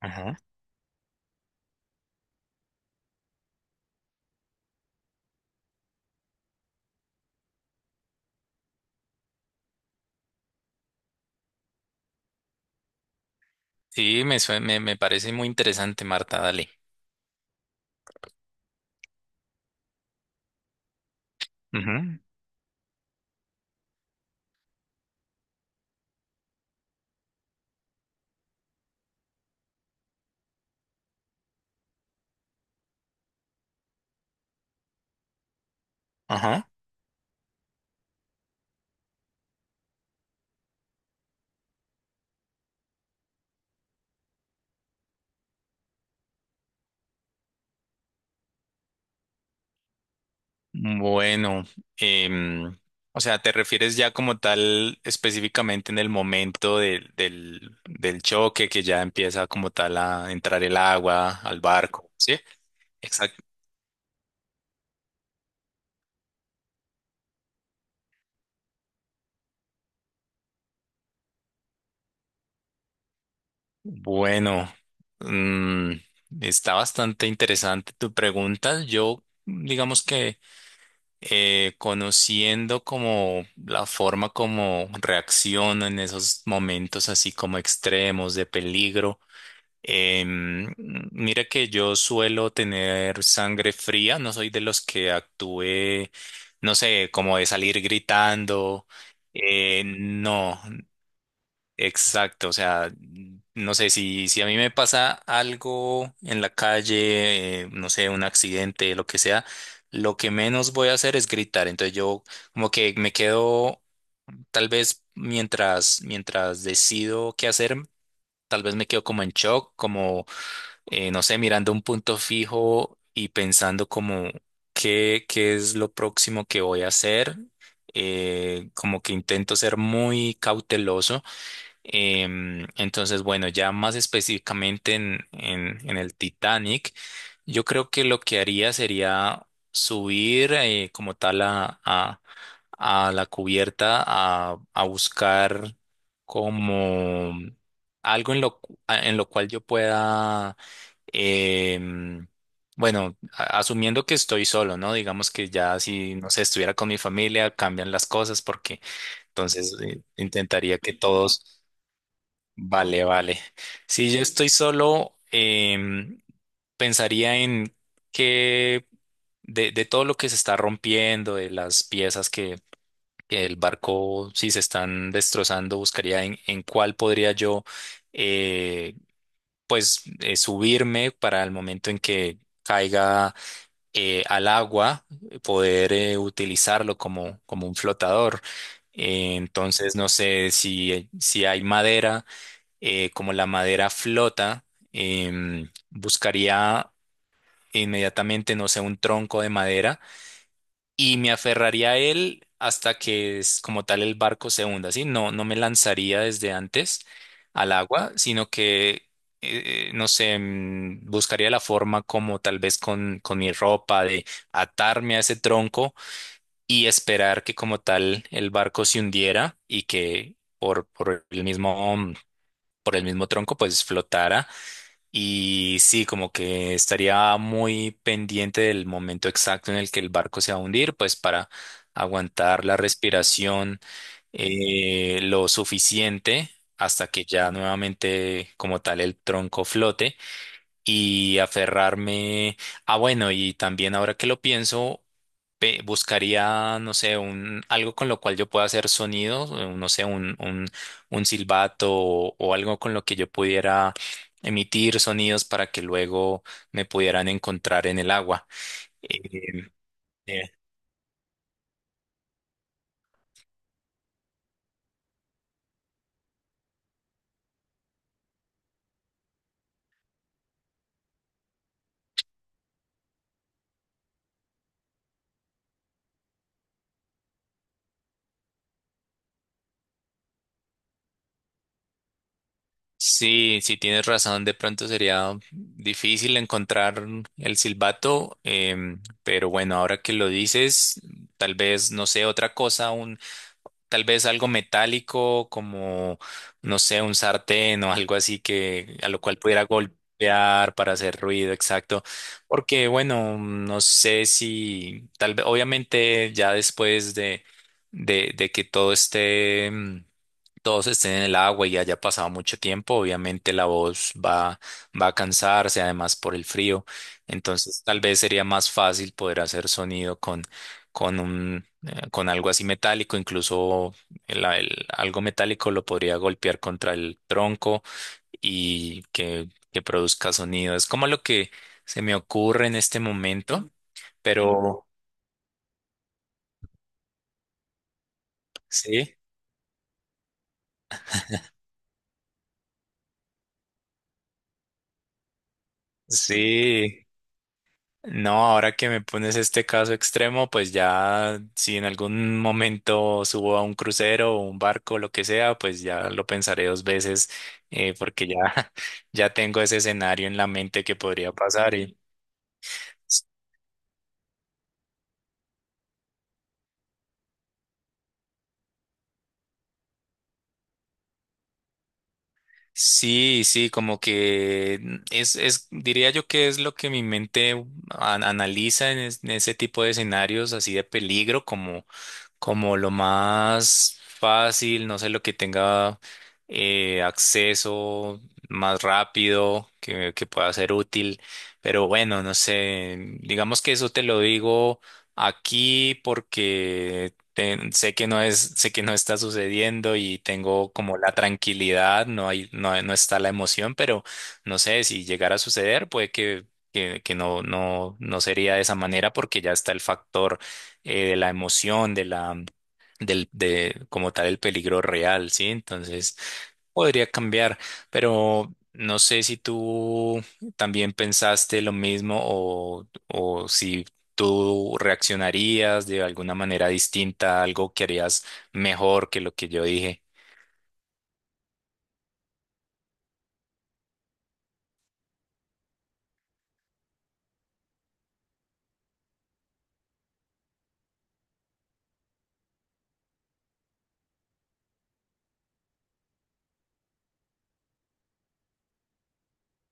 Ajá. Sí, me parece muy interesante, Marta, dale. Ujú. Ajá. Bueno, em, o sea, ¿te refieres ya como tal específicamente en el momento del choque que ya empieza como tal a entrar el agua al barco? Sí, exacto. Bueno, mm, está bastante interesante tu pregunta. Yo, digamos que conociendo como la forma como reacciono en esos momentos así como extremos de peligro. Em, Mira que yo suelo tener sangre fría, no soy de los que actúe, no sé, como de salir gritando. No. Exacto, o sea, no sé si a mí me pasa algo en la calle, no sé, un accidente, lo que sea, lo que menos voy a hacer es gritar. Entonces yo como que me quedo, tal vez mientras decido qué hacer, tal vez me quedo como en shock, como, no sé, mirando un punto fijo y pensando como qué es lo próximo que voy a hacer. Como que intento ser muy cauteloso. Entonces, bueno, ya más específicamente en el Titanic, yo creo que lo que haría sería subir como tal a la cubierta a buscar como algo en lo cual yo pueda, em, bueno, asumiendo que estoy solo, ¿no? Digamos que ya si, no sé, estuviera con mi familia, cambian las cosas porque entonces intentaría que todos. Vale, vale. Si yo estoy solo, pensaría en que de todo lo que se está rompiendo, de las piezas que el barco, si se están destrozando, buscaría en cuál podría yo, eh, pues, subirme para el momento en que caiga al agua, poder utilizarlo como un flotador. Entonces, no sé si hay madera, como la madera flota, buscaría inmediatamente, no sé, un tronco de madera y me aferraría a él hasta que es como tal el barco se hunda, ¿sí? No, no me lanzaría desde antes al agua, sino que, no sé, buscaría la forma como tal vez con mi ropa de atarme a ese tronco y esperar que como tal el barco se hundiera y que por el mismo, por el mismo tronco pues flotara. Y sí, como que estaría muy pendiente del momento exacto en el que el barco se va a hundir, pues para aguantar la respiración lo suficiente hasta que ya nuevamente como tal el tronco flote y aferrarme. Ah, bueno, y también ahora que lo pienso, buscaría, no sé, algo con lo cual yo pueda hacer sonidos, no sé, un silbato o algo con lo que yo pudiera emitir sonidos para que luego me pudieran encontrar en el agua. Eh, eh, sí, sí tienes razón, de pronto sería difícil encontrar el silbato, pero bueno, ahora que lo dices, tal vez, no sé, otra cosa, tal vez algo metálico como, no sé, un sartén o algo así que a lo cual pudiera golpear para hacer ruido, exacto. Porque, bueno, no sé si, tal vez, obviamente ya después de que todo esté, todos estén en el agua y haya pasado mucho tiempo, obviamente la voz va a cansarse, además por el frío. Entonces, tal vez sería más fácil poder hacer sonido con algo así metálico, incluso algo metálico lo podría golpear contra el tronco y que produzca sonido. Es como lo que se me ocurre en este momento, pero sí, sí. No, ahora que me pones este caso extremo, pues ya si en algún momento subo a un crucero o un barco, lo que sea, pues ya lo pensaré dos veces, porque ya, ya tengo ese escenario en la mente que podría pasar. Y sí, sí, como que diría yo que es lo que mi mente analiza en ese tipo de escenarios así de peligro, como lo más fácil, no sé, lo que tenga acceso más rápido, que pueda ser útil. Pero bueno, no sé, digamos que eso te lo digo aquí porque sé que no está sucediendo y tengo como la tranquilidad, no está la emoción, pero no sé, si llegara a suceder, puede que no sería de esa manera porque ya está el factor, de la emoción, de como tal el peligro real, ¿sí? Entonces podría cambiar, pero no sé si tú también pensaste lo mismo o si tú reaccionarías de alguna manera distinta, algo que harías mejor que lo que yo dije.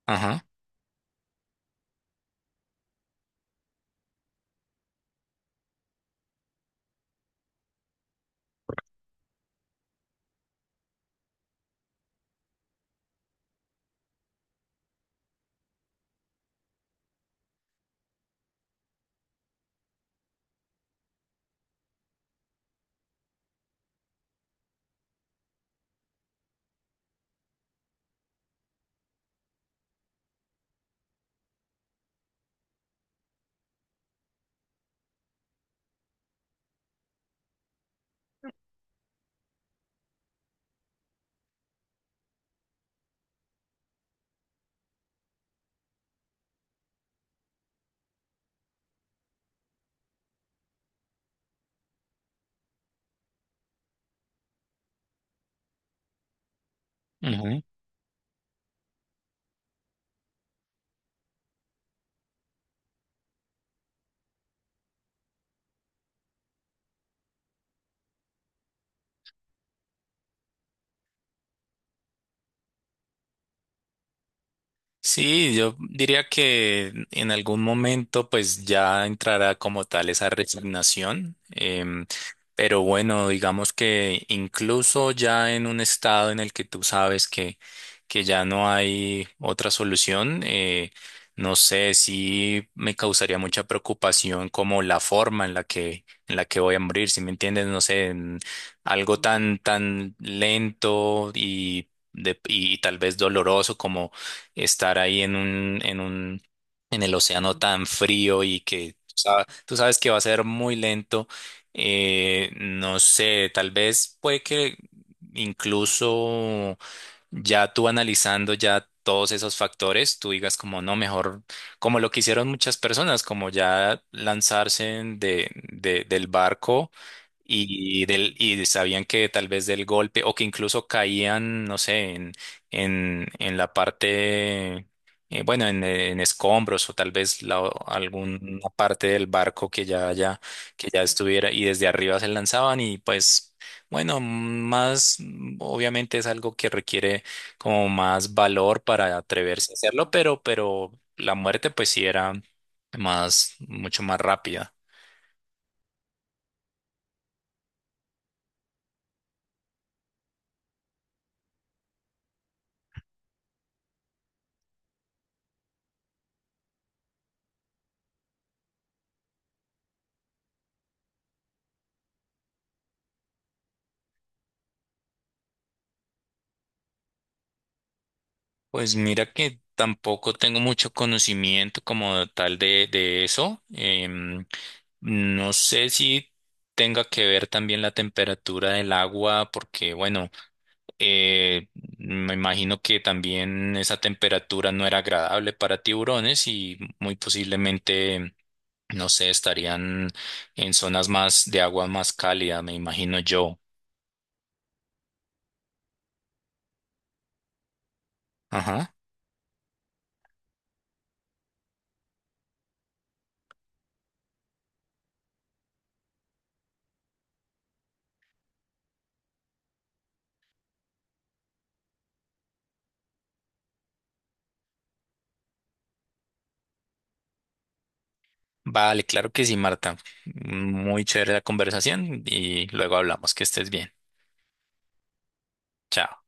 Ajá. Sí, yo diría que en algún momento pues ya entrará como tal esa resignación. Pero bueno, digamos que incluso ya en un estado en el que tú sabes que ya no hay otra solución, no sé si me causaría mucha preocupación como la forma en la que voy a morir, si me entiendes, no sé, en algo tan, tan lento y tal vez doloroso como estar ahí en el océano tan frío y que tú sabes que va a ser muy lento. No sé, tal vez puede que incluso ya tú analizando ya todos esos factores, tú digas como no, mejor, como lo que hicieron muchas personas, como ya lanzarse del barco y sabían que tal vez del golpe o que incluso caían, no sé, en la parte, bueno, en escombros o tal vez alguna parte del barco que ya estuviera y desde arriba se lanzaban. Y pues, bueno, más, obviamente es algo que requiere como más valor para atreverse a hacerlo, pero la muerte pues sí era mucho más rápida. Pues mira que tampoco tengo mucho conocimiento como tal de eso. No sé si tenga que ver también la temperatura del agua, porque bueno, eh, me imagino que también esa temperatura no era agradable para tiburones y muy posiblemente no sé, estarían en zonas más de agua más cálida, me imagino yo. Ajá. Vale, claro que sí, Marta. Muy chévere la conversación y luego hablamos. Que estés bien. Chao.